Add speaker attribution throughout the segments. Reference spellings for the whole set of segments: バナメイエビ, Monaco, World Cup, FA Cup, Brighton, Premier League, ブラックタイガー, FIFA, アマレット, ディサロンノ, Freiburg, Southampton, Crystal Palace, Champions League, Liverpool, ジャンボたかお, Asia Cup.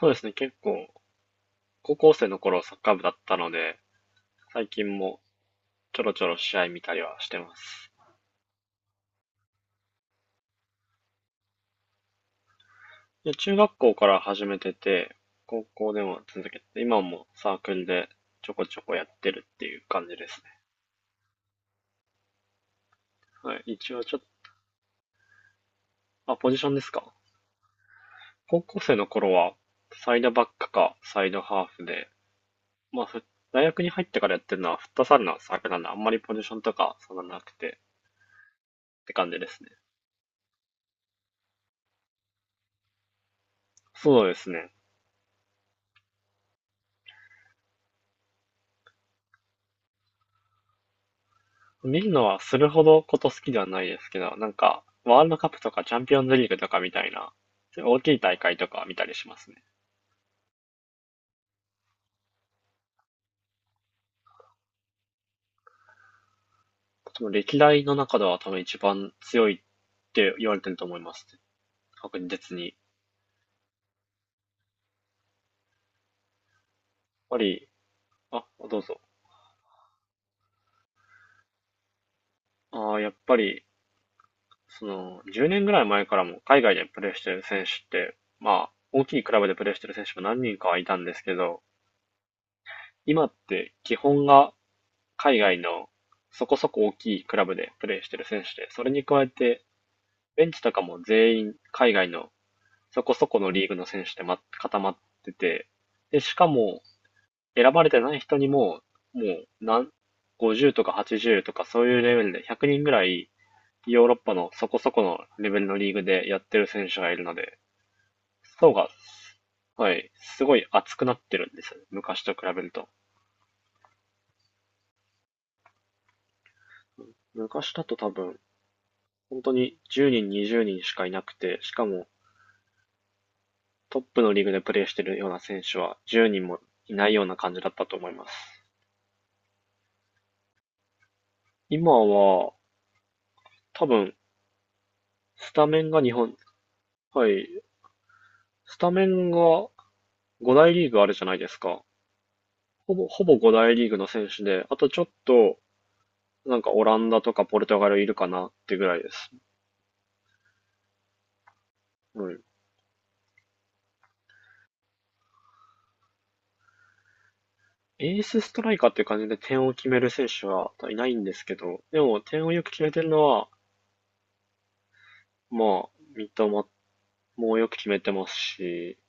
Speaker 1: そうですね、結構、高校生の頃サッカー部だったので、最近もちょろちょろ試合見たりはしてます。で、中学校から始めてて、高校でも続けて、今もサークルでちょこちょこやってるっていう感じですね。はい、一応ちょっと、あ、ポジションですか？高校生の頃は、サイドバックかサイドハーフで、まあ、大学に入ってからやってるのはフットサルのサークルなんで、あんまりポジションとかそんななくてって感じですね。そうですね。見るのはするほどこと好きではないですけど、なんか、ワールドカップとかチャンピオンズリーグとかみたいな、そういう大きい大会とかは見たりしますね。多の歴代の中では多分一番強いって言われてると思います。確実に。やっぱり、あ、どうぞ。やっぱり、その、10年ぐらい前からも海外でプレーしてる選手って、まあ、大きいクラブでプレーしてる選手も何人かはいたんですけど、今って基本が海外のそこそこ大きいクラブでプレーしてる選手で、それに加えてベンチとかも全員海外のそこそこのリーグの選手で固まってて、で、しかも選ばれてない人にも、もう何、50とか80とかそういうレベルで100人ぐらいヨーロッパのそこそこのレベルのリーグでやってる選手がいるので、層が、はい、すごい厚くなってるんですよね。昔と比べると。昔だと多分、本当に10人、20人しかいなくて、しかもトップのリーグでプレーしてるような選手は10人もいないような感じだったと思います。今は、多分、スタメンが日本、はい、スタメンが5大リーグあるじゃないですか。ほぼ5大リーグの選手で、あとちょっと、なんかオランダとかポルトガルいるかなってぐらいです。うん。エースストライカーっていう感じで点を決める選手はいないんですけど、でも点をよく決めてるのは、まあ、三笘もよく決めてますし、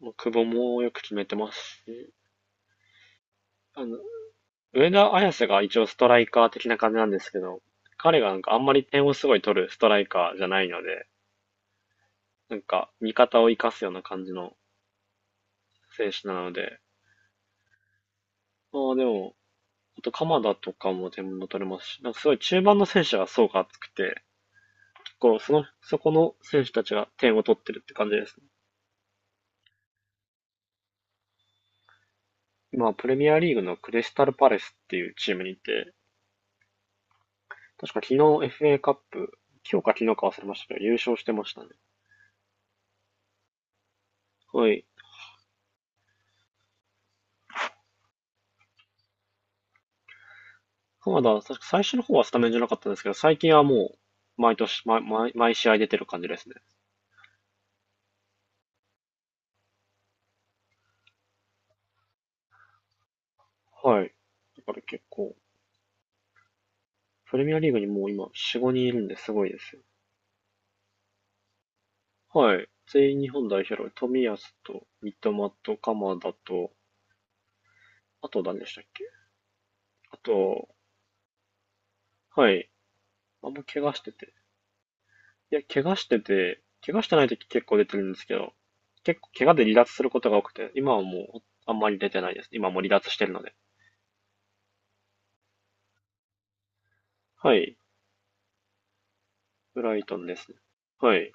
Speaker 1: まあ久保もよく決めてますし、あの、上田綺世が一応ストライカー的な感じなんですけど、彼がなんかあんまり点をすごい取るストライカーじゃないので、なんか味方を生かすような感じの選手なので、まあでも、あと鎌田とかも点も取れますし、なんかすごい中盤の選手が層が厚くて、結構その、そこの選手たちが点を取ってるって感じですね。今、プレミアリーグのクリスタルパレスっていうチームにいて、確か昨日 FA カップ、今日か昨日か忘れましたけど、優勝してましたね。はい。そ田だ、確か最初の方はスタメンじゃなかったんですけど、最近はもう、毎年、毎、毎毎試合出てる感じですね。はい。だから結構、プレミアリーグにもう今、4、5人いるんですごいですよ。はい。全員日本代表の冨安と、三笘と、鎌田と、あと何でしたっけ、あと、はい。あんま怪我してて。いや、怪我してて、怪我してない時結構出てるんですけど、結構怪我で離脱することが多くて、今はもう、あんまり出てないです。今はもう離脱してるので。はい。ブライトンですね。はい。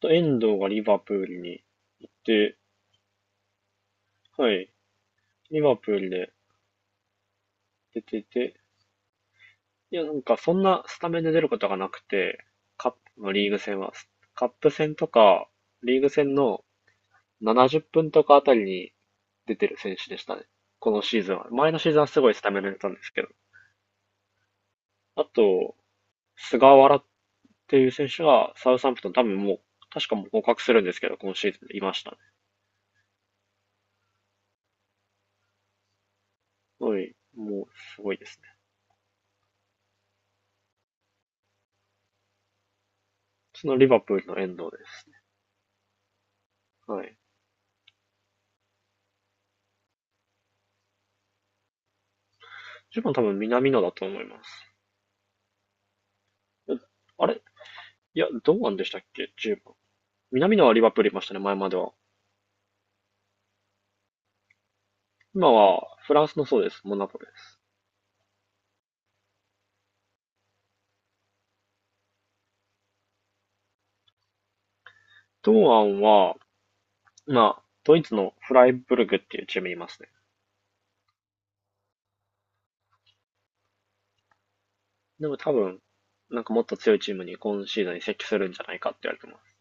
Speaker 1: と遠藤がリバプールに行って、はい、リバプールで出てて、いや、なんかそんなスタメンで出ることがなくて、カップのリーグ戦は、カップ戦とか、リーグ戦の70分とかあたりに出てる選手でしたね。このシーズンは。前のシーズンはすごいスタメンで出たんですけど。あと、菅原っていう選手がサウサンプトン多分もう、確かもう合格するんですけど、今シーズンいましたね。はい、もうすごいですね。そのリバプールの遠藤ですね。はい。10番多分南野だと思います。あれ、いや、堂安でしたっけ？ 10 番。南野はリバプールいましたね、前までは。今はフランスのそうです。モナコです。堂安は、まあ、ドイツのフライブルグっていうチームにいますね。でも多分、なんかもっと強いチームに今シーズンに移籍するんじゃないかって言われてます。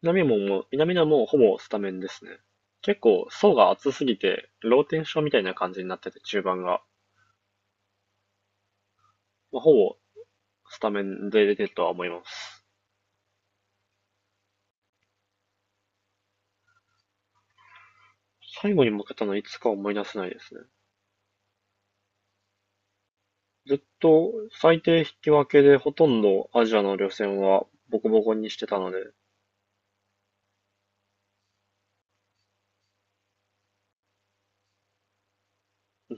Speaker 1: 南野も南野もほぼスタメンですね。結構層が厚すぎて、ローテンションみたいな感じになってて、中盤が。まあ、ほぼスタメンで出てるとは思います。最後に負けたのいつか思い出せないですね。ずっと最低引き分けでほとんどアジアの予選はボコボコにしてたので、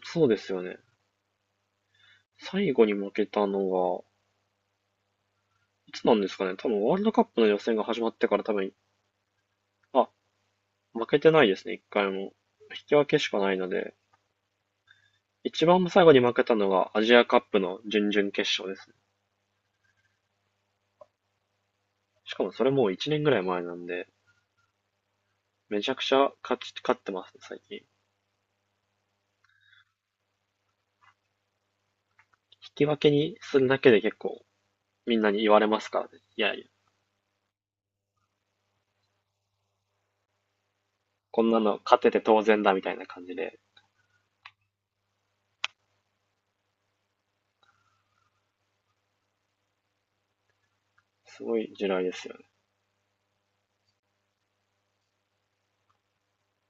Speaker 1: そうですよね。最後に負けたのが、いつなんですかね。多分ワールドカップの予選が始まってから多分、あ、負けてないですね、一回も。引き分けしかないので、一番最後に負けたのがアジアカップの準々決勝ですね。しかもそれもう1年ぐらい前なんで、めちゃくちゃ勝ってますね、最近。引き分けにするだけで結構みんなに言われますからね。いやいや、こんなの勝てて当然だみたいな感じで。すごい時代ですよね。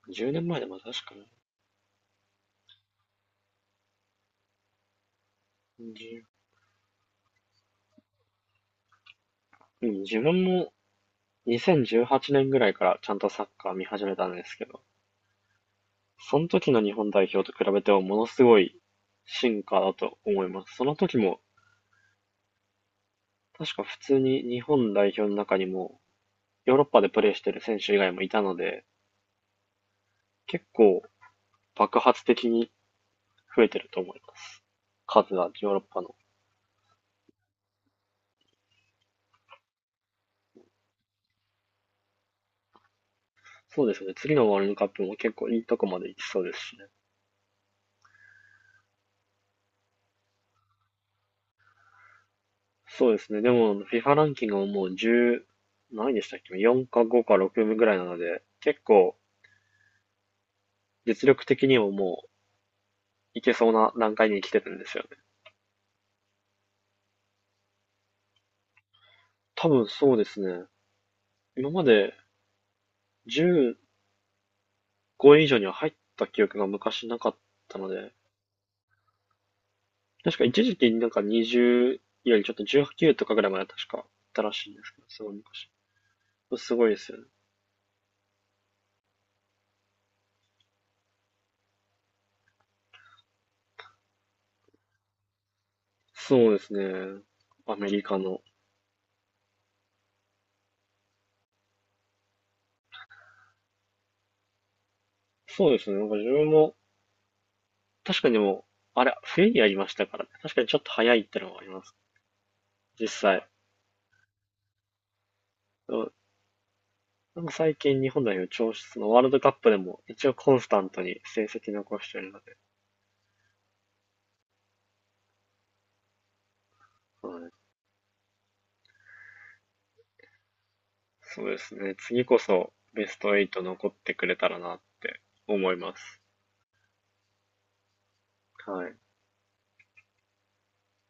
Speaker 1: 10年前でも確かに。うん、自分も2018年ぐらいからちゃんとサッカー見始めたんですけど、その時の日本代表と比べてもものすごい進化だと思います。その時も確か普通に日本代表の中にもヨーロッパでプレーしてる選手以外もいたので、結構爆発的に増えてると思います。数はヨーロッパの。そうですね。次のワールドカップも結構いいとこまで行きそうですしね。そうですね。でも、FIFA ランキングももう10、何位でしたっけ？ 4 か5か6ぐらいなので、結構実力的にももういけそうな段階に来てるんですよね。多分そうですね。今まで15位以上には入った記憶が昔なかったので、確か一時期なんか20よりちょっと18とかぐらいまで確かあったらしいんですけど、すごい昔。すごいですよね。そうですね。アメリカの。そうですね。なんか自分も確かにでも、あれ、冬にやりましたからね。確かにちょっと早いってのはあります。実際。でもなんか最近日本代表調子、そのワールドカップでも一応コンスタントに成績残してるので、はい、そうですね。次こそベスト8残ってくれたらなって思います。はい。